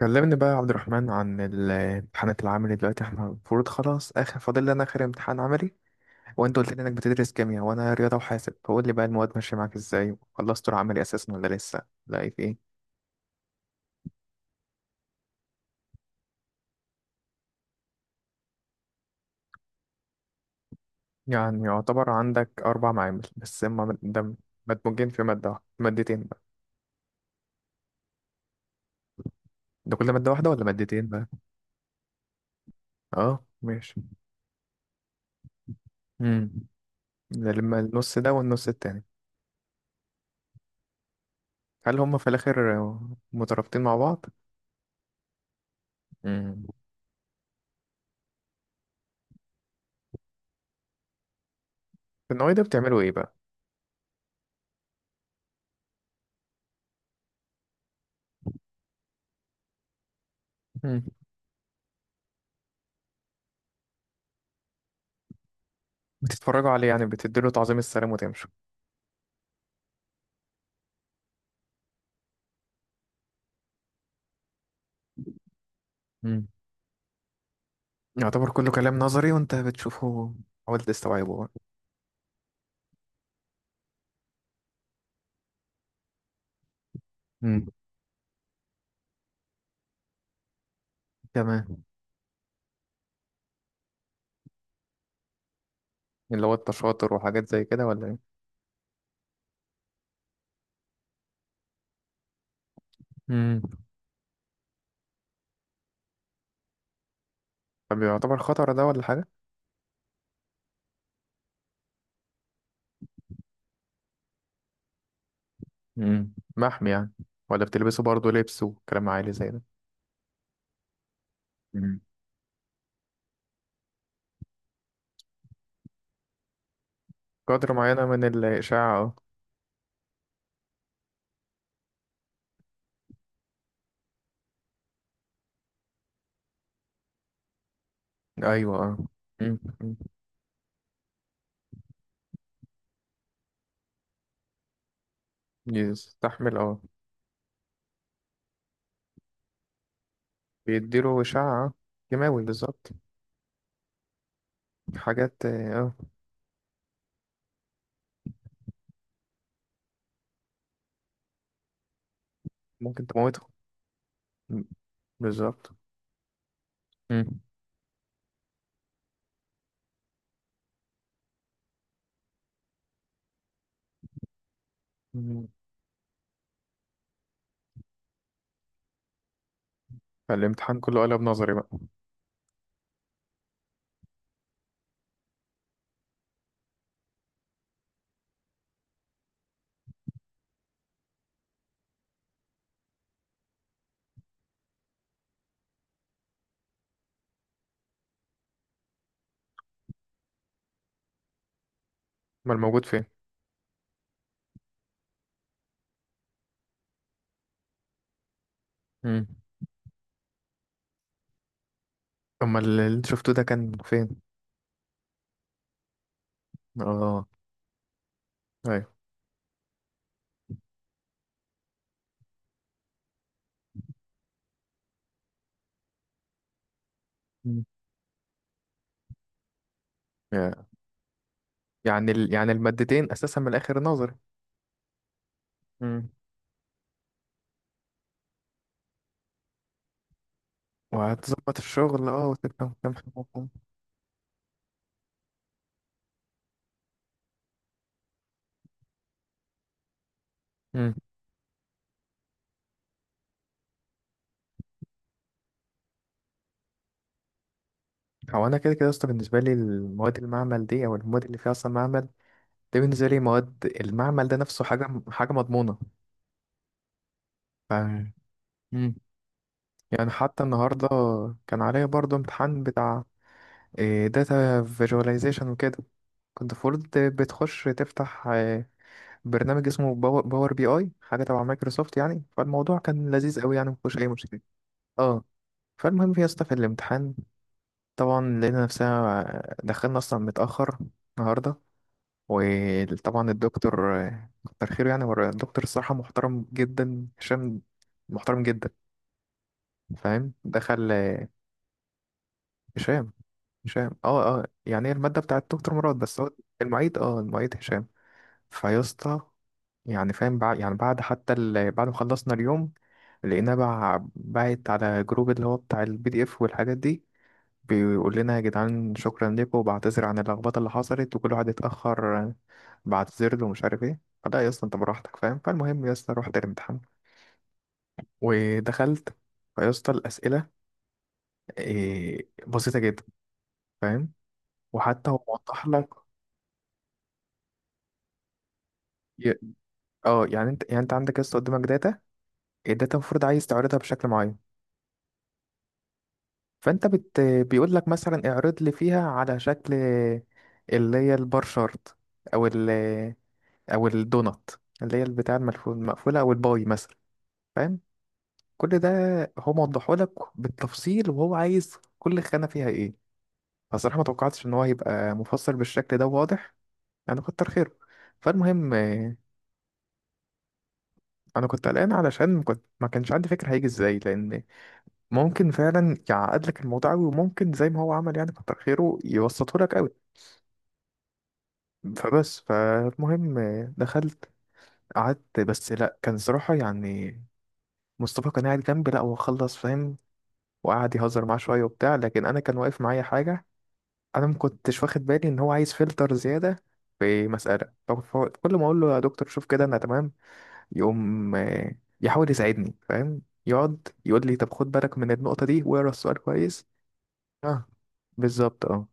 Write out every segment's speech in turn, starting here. كلمني بقى يا عبد الرحمن عن الامتحانات العملي دلوقتي، احنا المفروض خلاص اخر، فاضل لنا اخر امتحان عملي. وانت قلت لي انك بتدرس كيمياء وانا رياضة وحاسب، فقول لي بقى المواد ماشية معاك ازاي. خلصت العملي اساسا ولا لسه لاقي في ايه؟ يعني يعتبر عندك اربع معامل بس، هما ده مدموجين في مادة واحدة، مادتين بقى. ده كل مادة واحدة ولا مادتين بقى؟ اه ماشي. امم ده لما النص ده والنص التاني. هل هما في الاخر مترابطين مع بعض؟ امم في النوعية ده بتعملوا ايه بقى؟ بتتفرجوا عليه يعني، بتديله تعظيم السلام وتمشوا؟ مم. يعتبر كله كلام نظري وانت بتشوفه. حاول تستوعبه بقى. مم. تمام. اللي هو التشاطر وحاجات زي كده ولا ايه؟ مم. طب يعتبر خطر ده ولا حاجة؟ مم. محمي يعني؟ ولا بتلبسه برضه لبس وكلام عالي زي ده؟ مم. قدر معينة من الإشاعة. اه أيوة اه. مم. مم. يستحمل اه. بيديله إشاعة اه. كيماوي بالظبط. حاجات اه ممكن تموته. مم. بالظبط. مم. فالامتحان كله قلب نظري بقى. امال الموجود فين؟ امم امال اللي انت شفته ده كان فين؟ اه ايوه. مم. يا- يعني يعني المادتين اساسا من الاخر نظري. امم. وهتظبط الشغل اه وتفهم كام حاجة. امم هو انا كده كده اصلا بالنسبه لي المواد المعمل دي او المواد اللي فيها اصلا معمل. ده بالنسبه لي مواد المعمل ده نفسه حاجه حاجه مضمونه. ف... امم يعني حتى النهارده كان عليا برضو امتحان بتاع داتا فيجواليزيشن وكده. كنت المفروض بتخش تفتح برنامج اسمه باور بي اي، حاجه تبع مايكروسوفت. يعني فالموضوع كان لذيذ قوي، يعني مفيهوش اي مشكله. اه. فالمهم يا اسطى في الامتحان، طبعا لقينا نفسنا دخلنا اصلا متاخر النهارده. وطبعا الدكتور كتر خيره، يعني هو الدكتور الصراحه محترم جدا، هشام، محترم جدا. فاهم؟ دخل هشام. هشام اه اه، يعني هي المادة بتاعت دكتور مراد، بس هو المعيد، اه المعيد هشام. فيا اسطى، يعني فاهم بعد، يعني بعد حتى بعد ما خلصنا اليوم لقيناه باعت على جروب اللي هو بتاع البي دي اف والحاجات دي. بيقول لنا يا جدعان شكرا لكم، وبعتذر عن اللخبطة اللي حصلت وكل واحد اتأخر بعتذر له ومش عارف ايه. فلا يا اسطى انت براحتك فاهم. فالمهم يا اسطى رحت الامتحان ودخلت. فيا اسطى الأسئلة إيه بسيطة جدا، فاهم؟ وحتى هو موضح لك. ي- اه يعني انت، يعني انت عندك لسه قدامك داتا. الداتا المفروض عايز تعرضها بشكل معين. فانت بيقول لك مثلا اعرض لي فيها على شكل اللي هي البار شارت، او ال، او الدونات، اللي هي البتاع المقفوله، او الباي مثلا. فاهم؟ كل ده هو موضحه لك بالتفصيل، وهو عايز كل خانه فيها ايه. فصراحه ما توقعتش ان هو هيبقى مفصل بالشكل ده، واضح يعني. كتر خيره. فالمهم انا كنت قلقان علشان كنت ما كانش عندي فكره هيجي ازاي، لان ممكن فعلا يعقد لك الموضوع قوي، وممكن زي ما هو عمل يعني كتر خيره يبسطه لك قوي. فبس فالمهم، دخلت قعدت، بس لا كان صراحة يعني مصطفى كان قاعد جنبي، لا هو خلص فاهم. وقعد يهزر معاه شوية وبتاع، لكن أنا كان واقف معايا حاجة. أنا ما كنتش واخد بالي إن هو عايز فلتر زيادة في مسألة. فكل ما أقول له يا دكتور شوف كده أنا تمام، يقوم يحاول يساعدني، فاهم. يقعد يقول لي طب خد بالك من النقطة دي واقرا السؤال كويس. اه بالظبط اه.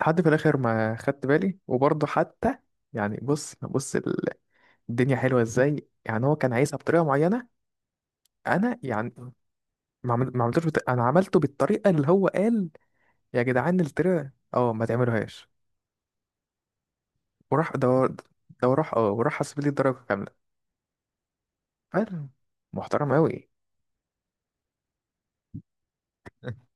لحد في الاخر ما خدت بالي. وبرضه حتى يعني بص بص الدنيا حلوه ازاي. يعني هو كان عايزها بطريقه معينه، انا يعني ما عملتوش انا عملته بالطريقه اللي هو قال يا جدعان الطريقه اه ما تعملوهاش. وراح ده، ده وراح اه، وراح حسب لي الدرجه كامله. فعلا محترم قوي.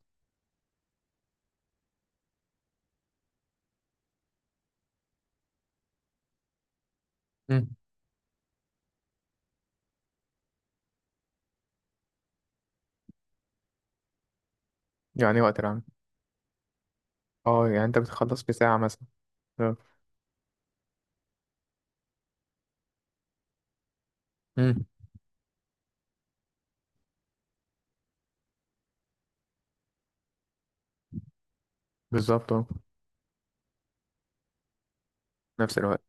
مم. يعني وقت العمل، اه يعني انت بتخلص في ساعه مثلا. اه. مم. بالظبط اه. نفس الوقت،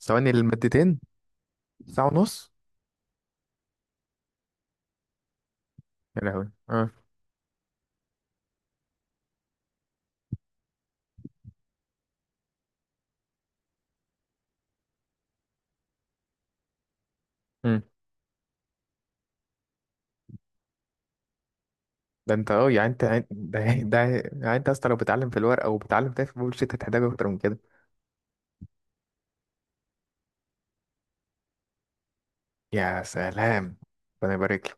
ثواني المادتين. ساعه ونص. يا لهوي اه. ده انت اه يعني انت يعني، ده ده، يعني انت اصلا لو بتعلم في الورق او بتعلم تاني في البولشيت هتحتاج اكتر من كده. يا سلام، ربنا يبارك لك.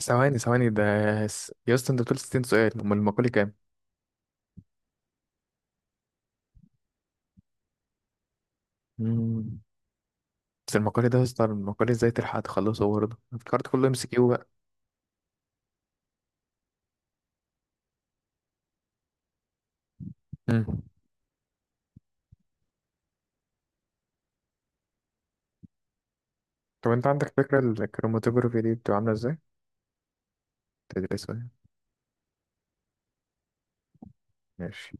ثواني ثواني ده، يا اسطى انت بتقول 60 سؤال، امال المقالي كام؟ مم. بس المقالي ده يا اسطى المقالي ازاي تلحق تخلصه برضه؟ الكارت كله ام سي كيو بقى. مم. طب انت عندك فكرة الكروماتوجرافي دي بتبقى عاملة ازاي؟ تدرسها يعني. ماشي.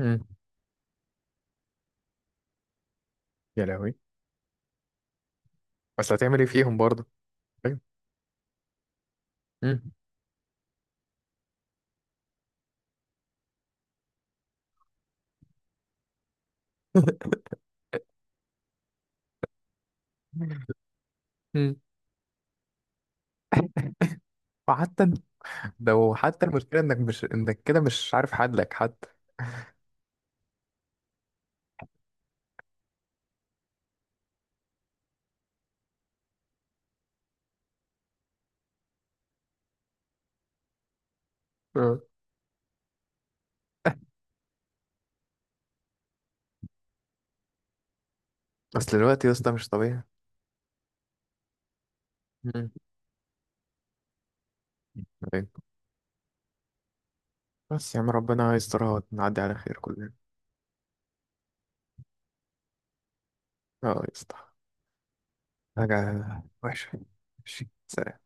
مم. يا لهوي، بس هتعمل ايه فيهم برضه؟ ايوه. مم. مم. وحتى، ده وحتى المشكلة انك مش، انك كده مش عارف حدلك حتى. اه. اصل الوقت يا اسطى مش طبيعي. مم. طيب. بس يا عم ربنا يسترها ونعدي على خير كلنا. اه يا اسطى. حاجة وحشة. ماشي سلام.